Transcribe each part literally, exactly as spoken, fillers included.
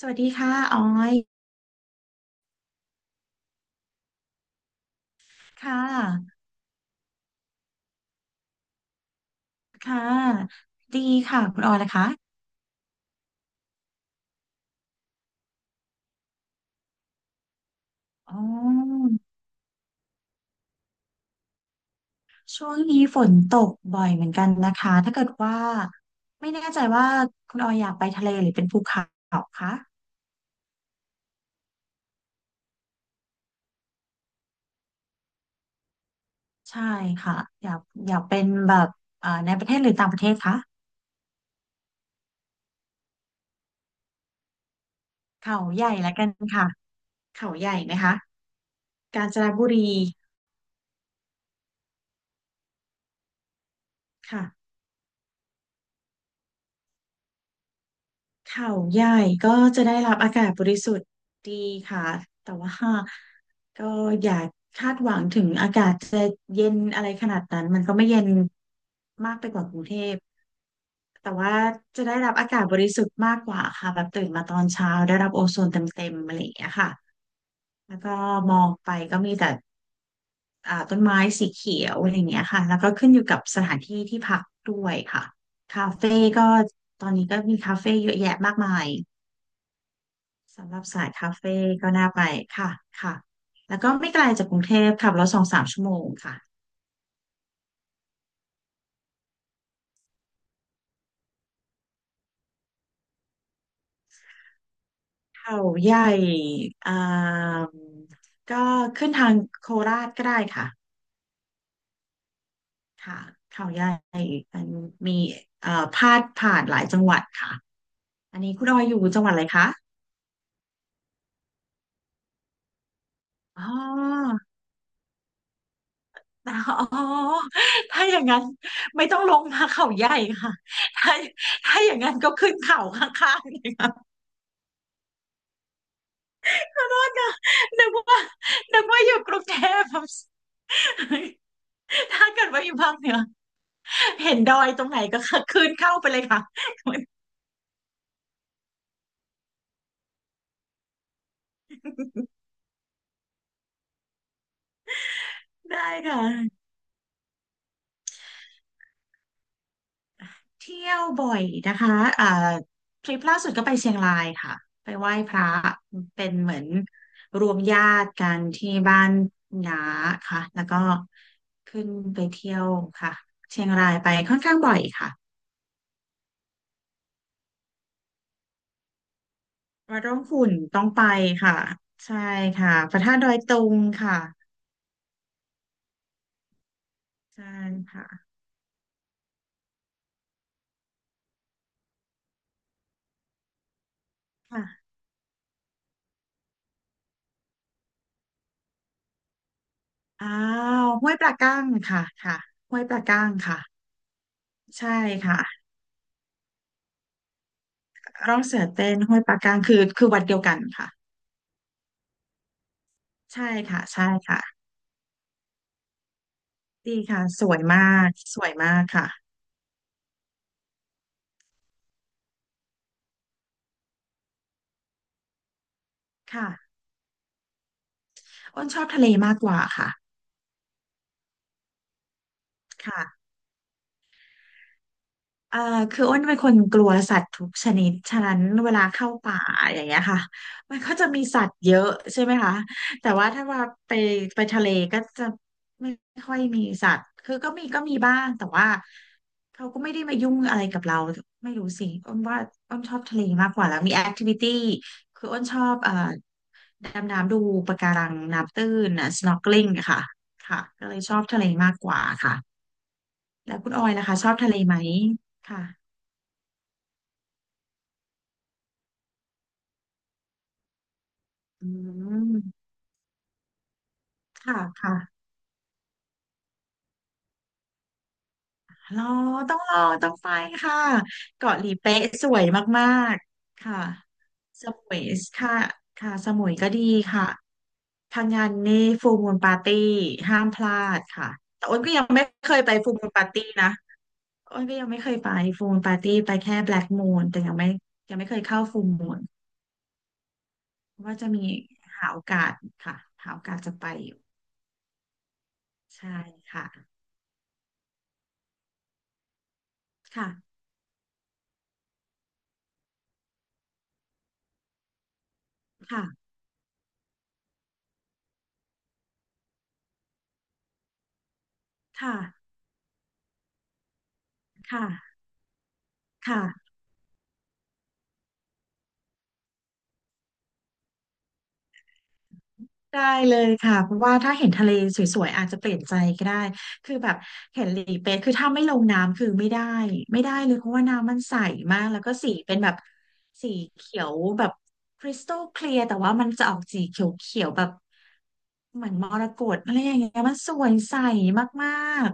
สวัสดีค่ะออยค่ะค่ะดีค่ะ คุณออยนะคะอ๋อช่วงนี้ฝนตกบ่อยเหมือนกันนะคะ ถ้าเกิดว่าไม่แน่ใจว่าคุณออยอยากไปทะเลหรือเป็นภูเขาคะใช่ค่ะ อยากอยากเป็นแบบเอ่อในประเทศหรือต่างประเทศคะเขาใหญ่ละกันค่ะเขาใหญ่ไหมคะกาญจนบุรีค่ะ เขาใหญ่ก็จะได้รับอากาศบริสุทธิ์ดีค่ะแต่ว่าก็อย่าคาดหวังถึงอากาศจะเย็นอะไรขนาดนั้นมันก็ไม่เย็นมากไปกว่ากรุงเทพแต่ว่าจะได้รับอากาศบริสุทธิ์มากกว่าค่ะแบบตื่นมาตอนเช้าได้รับโอโซนเต็มๆอะไรอย่างเงี้ยค่ะแล้วก็มองไปก็มีแต่อ่าต้นไม้สีเขียวอะไรอย่างเงี้ยค่ะแล้วก็ขึ้นอยู่กับสถานที่ที่พักด้วยค่ะ คาเฟ่ก็ตอนนี้ก็มีคาเฟ่เยอะแยะมากมายสำหรับสายคาเฟ่ก็น่าไปค่ะค่ะแล้วก็ไม่ไกลจากกรุงเทพขับรถสองสามชั่วโมงค่ะเขาใหญ่อ่ามก็ขึ้นทางโคราชก็ได้ค่ะค่ะเขาใหญ่มันมีเอ่อพาดผ่านหลายจังหวัดค่ะอันนี้คุณออยอยู่จังหวัดอะไรคะอ๋อ อ๋อถ้าอย่างนั้นไม่ต้องลงมาเขาใหญ่ค่ะถ้าถ้าอย่างนั้นก็ขึ้นเขาข้างๆนึกนึกว่านึกว่าอยู่กรุงเทพฯ ถ้าเกิดว่าอยู่ภาคเหนือเห็นดอยตรงไหนก็ขึ้นเข้าไปเลยค่ะ ได้ค่ะ เที่ยวบ่อยนะคะเอ่อทริปล่าสุดก็ไปเชียงรายค่ะไปไหว้พระเป็นเหมือนรวมญาติกันที่บ้านน้าค่ะแล้วก็ขึ้นไปเที่ยวค่ะเชียงรายไปค่อนข้างบ่อยค่ะวัดร่องขุ่นต้องไปค่ะใช่ค่ะพระธาตุดอยตุงค่ะใช่ค่ะค่ะอ้าวห้วยปลากั้งค่ะค่ะห้วยปลากั้งค่ะใช่ค่ะร่องเสือเต้นห้วยปลากั้งคือคือวัดเดียวกันค่ะ ใช่ค่ะใช่ค่ะดีค่ะสวยมากสวยมากค่ะค่ะอ้นชอบทะเลมากกว่าค่ะค่ะ เอ่อคืออ้นเป็นคนกลัวสัตว์ทุกชนิดฉะนั้นเวลาเข้าป่าอย่างเงี้ยค่ะมันก็จะมีสัตว์เยอะใช่ไหมคะแต่ว่าถ้าว่าไปไปทะเลก็จะไม่ค่อยมีสัตว์คือก็มีก็มีบ้างแต่ว่าเขาก็ไม่ได้มายุ่งอะไรกับเราไม่รู้สิอ้นว่าอ้นชอบทะเลมากกว่าแล้วมีแอคทิวิตี้คืออ้นชอบเอ่อดำน้ำดูปะการังน้ำตื้นนะ snorkeling อะค่ะค่ะก็เลยชอบทะเลมากกว่าค่ะแล้วคุณออยล่ะคะชอบทะเลไหมค่ะ อืมค่ะค่ะรอต้องรอต้องไปค่ะเกาะหลีเป๊ะสวยมากๆค่ะสมุยค่ะค่ะสมุยก็ดีค่ะพังงานนี่ฟูลมูนปาร์ตี้ห้ามพลาดค่ะแต่อ้นก็ยังไม่เคยไปฟูลมูนปาร์ตี้นะอ้นก็ยังไม่เคยไปฟูลมูนปาร์ตี้ไปแค่แบล็กมูนแต่ยังไม่ยังไม่เคยเข้าฟูลมูนว่าจะมีหาโอกาสค่ะหาโอกาสจะไปอยู่ใช่ค่ะค่ะค่ะค่ะค่ะค่ะ ได้เลยค่ะเพราะว่าถ้าเห็นทะเลสวยๆอาจจะเปลี่ยนใจก็ได้คือแบบเห็นหลีเป๊ะคือถ้าไม่ลงน้ำคือไม่ได้ไม่ได้เลยเพราะว่าน้ำมันใสมากแล้วก็สีเป็นแบบสีเขียวแบบคริสตัลเคลียร์แต่ว่ามันจะออกสีเขียวๆแบบเหมือนมรกตอะไรอย่างเงี้ยมันสวยใสมาก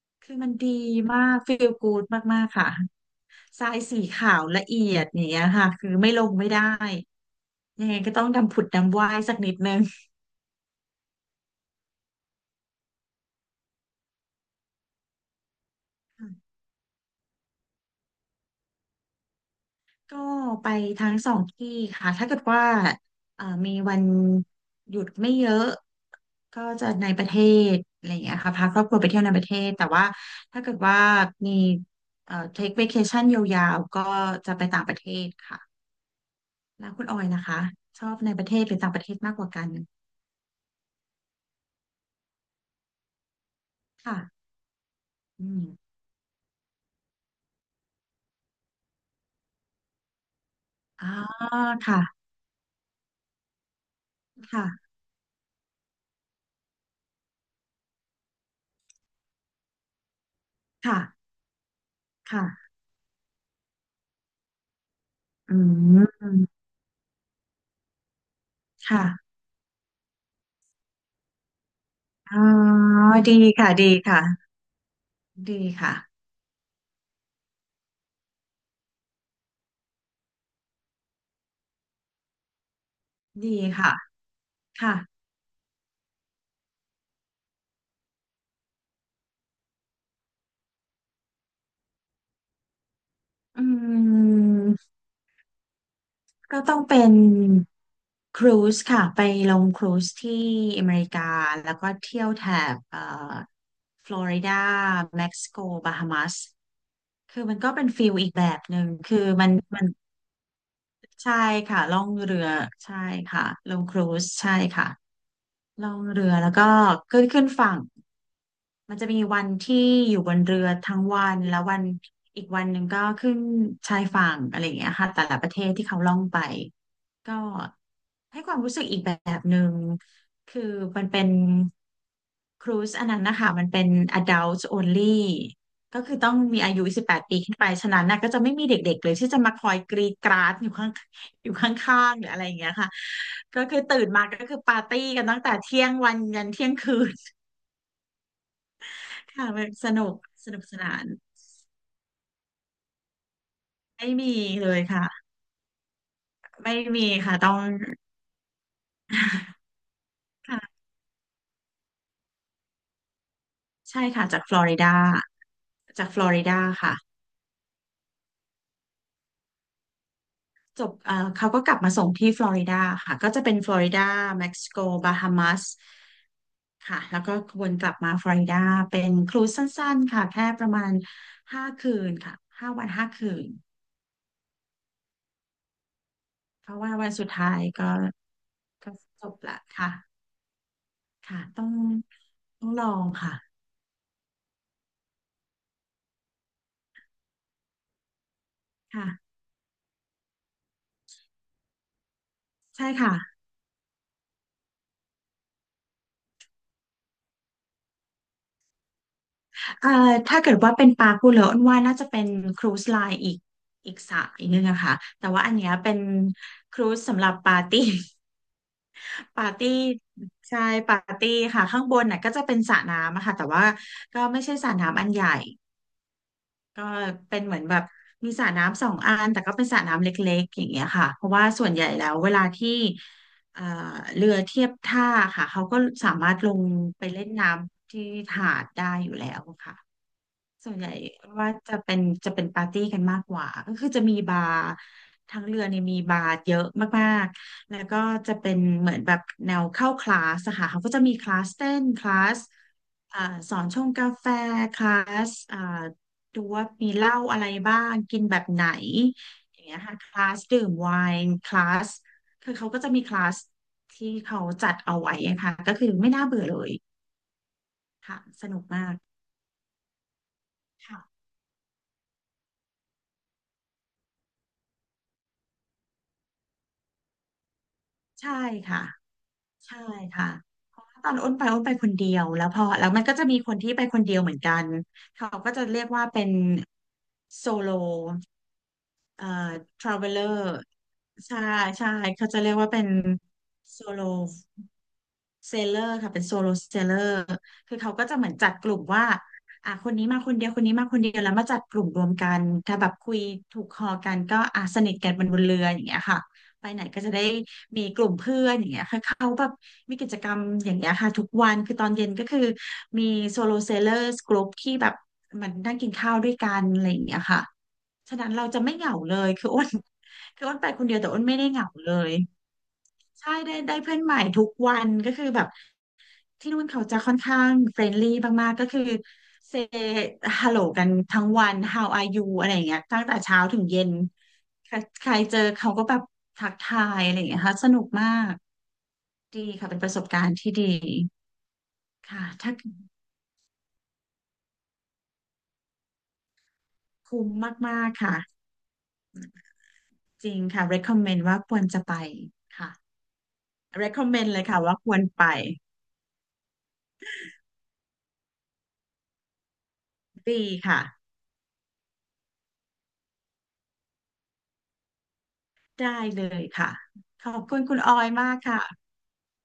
ๆคือมันดีมากฟีลกูดมากๆค่ะทรายสีขาวละเอียดอย่างเนี้ยค่ะคือไม่ลงไม่ได้ยังไงก็ต้องดำผุดดำว่ายสักนิดนึง ก็ไปทั้งสองที่ค่ะถ้าเกิดว่าเอ่อมีวันหยุดไม่เยอะก็จะในประเทศอะไรอย่างเงี้ยค่ะพาครอบครัวไปเที่ยวในประเทศแต่ว่าถ้าเกิดว่ามีเอ่อ take vacation ยาวๆก็จะไปต่างประเทศค่ะแล้วคุณออยนะคะชอบในประเทศหรือต่างประเทศมากกว่ากันค่ะอืมอ่าค่ะค่ะค่ะค่ะอืมค่ะอ๋อดีค่ะดีค่ะดีค่ะดีค่ะค่ะ อืมก็ต้องเป็นครูซค่ะไปลงครูซที่อเมริกาแล้วก็เที่ยวแถบเอ่อฟลอริดาเม็กซิโกบาฮามัสคือมันก็เป็นฟิลอีกแบบหนึ่งคือมันมันใช่ค่ะล่องเรือใช่ค่ะลงครูซใช่ค่ะล่องเรือแล้วก็ขึ้นขึ้นฝั่งมันจะมีวันที่อยู่บนเรือทั้งวันแล้ววันอีกวันหนึ่งก็ขึ้นชายฝั่งอะไรอย่างเงี้ยค่ะแต่ละประเทศที่เขาล่องไป ก็ให้ความรู้สึกอีกแบบหนึ่งคือมันเป็นครูซอันนั้นนะคะมันเป็น adult only ก็คือต้องมีอายุ สิบแปดปดปีขึ้นไปฉะนั้นนะก็จะไม่มีเด็กๆเลยที่จะมาคอยกรีดกราดอยู่ข้างอยู่ข้างๆหรืออะไรอย่างเงี้ยค่ะก็คือตื่นมาก็คือปาร์ตี้กันตั้งแต่เที่ยงวันยันเที่ยงคืนค่ะมันสนุกสนุกสนานไม่มีเลยค่ะไม่มีค่ะต้อง ค่ะใช่ค่ะจากฟลอริดาจากฟลอริดาค่ะ จบเอ่อเขาก็กลับมาส่งที่ฟลอริดาค่ะ ก็จะเป็นฟลอริดาเม็กซิโก บาฮามัสค่ะ แล้วก็วนกลับมาฟลอริดาเป็นครูซสั้นๆค่ะ แค่ประมาณห้าคืนค่ะห้าวันห้าคืน เพราะว่าวันสุดท้ายก็ก็จบละค่ะค่ะต้องต้องลองค่ะค่ะใช่ค่ะ เอ่อถ้าเกิดว่าเป็นปลากุเลออ้นว่าน่าจะเป็นครูซไลน์อีกอีกสายหนึงอะค่ะแต่ว่าอันเนี้ยเป็นครูซสำหรับปาร์ตี้ปาร์ตี้ใช่ปาร์ตี้ค่ะข้างบนน่ะก็จะเป็นสระน้ำอะค่ะแต่ว่าก็ไม่ใช่สระก็เป็นเหมือนแบบมีสระน้ำสองอันแต่ก็เป็นสระน้ำเล็กๆอย่างเงี้ยค่ะเพราะว่าส่วนใหญ่แล้วเวลาที่เอ่อเรือเทียบท่าค่ะเขาก็สามารถลงไปเล่นน้ำที่หาดได้อยู่แล้วค่ะ ส่วนใหญ่ว่าจะเป็นจะเป็นปาร์ตี้กันมากกว่าก็คือจะมีบาร์ทั้งเรือเนี่ยมีบาร์เยอะมากๆแล้วก็จะเป็นเหมือนแบบแนวเข้าคลาสอะค่ะเขาก็จะมีคลาสเต้นคลาสอ่าสอนชงกาแฟคลาสอ่าดูว่ามีเหล้าอะไรบ้างกินแบบไหนอย่างเงี้ยค่ะคลาสดื่มไวน์คลาสคือเขาก็จะมีคลาสค่ะสนุกมากค่ะใช่ค่ะใช่ค่ะ ตอนอ้นไปอ้นไปคนเดียวแล้วพอแล้วมันก็จะมีคนที่ไปคนเดียวเหมือนกันเขาก็จะเรียกว่าเป็นโซโลเอ่อทราเวลเลอร์ใช่ใช่เขาจะเรียกว่าเป็นโซโลเซลเลอร์ค่ะเป็นโซโลเซลเลอร์คือเขาก็จะเหมือนจัดกลุ่มว่าอ่ะคนนี้มาคนเดียวคนนี้มาคนเดียวแล้วมาจัดกลุ่มรวมกันถ้าแบบคุยถูกคอกันก็อ่ะสนิทกันบนบนเรืออย่างเงี้ยค่ะไปไหนก็จะได้ งี้ยคือเขาแบบมีกิจกรรมอย่างเงี้ยค่ะทุกวันคือตอนเย็นก็คือมีโซโลเซลเลอร์กลุ่มที่แบบมันนั่งกินข้าวด้วยกันอะไรอย่างเงี้ยค่ะ ฉะนั้นเราจะไม่เหงาเลยคืออ้น คืออ้นไปคนเดียวแต่อ้นไม่ได้เหงาเลยใช่ได้ได้เพื่อนใหม่ทุกวันก็คือแบบที่นู่นเขาจะค่อนข้างเฟรนลี่มากๆก็คือเซฮัลโหลกันทั้งวัน ฮาว อาร์ ยู อะไรอย่างเงี้ยตั้งแต่เช้าถึงเย็นใครใครเจอเขาก็แบบทักทายอะไรอย่างเงี้ยค่ะสนุกมากดีค่ะเป็นประสบการณ์ที่ดีค่ะถ้าคุ้มมากๆค่ะจริงค่ะ recommend ว่าควรจะไปค่ะ recommend เลยค่ะว่าควรไปดีค่ะได้เลยค่ะขอบคุณคุณออยมากค่ะ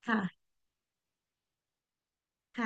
ค่ะค่ะ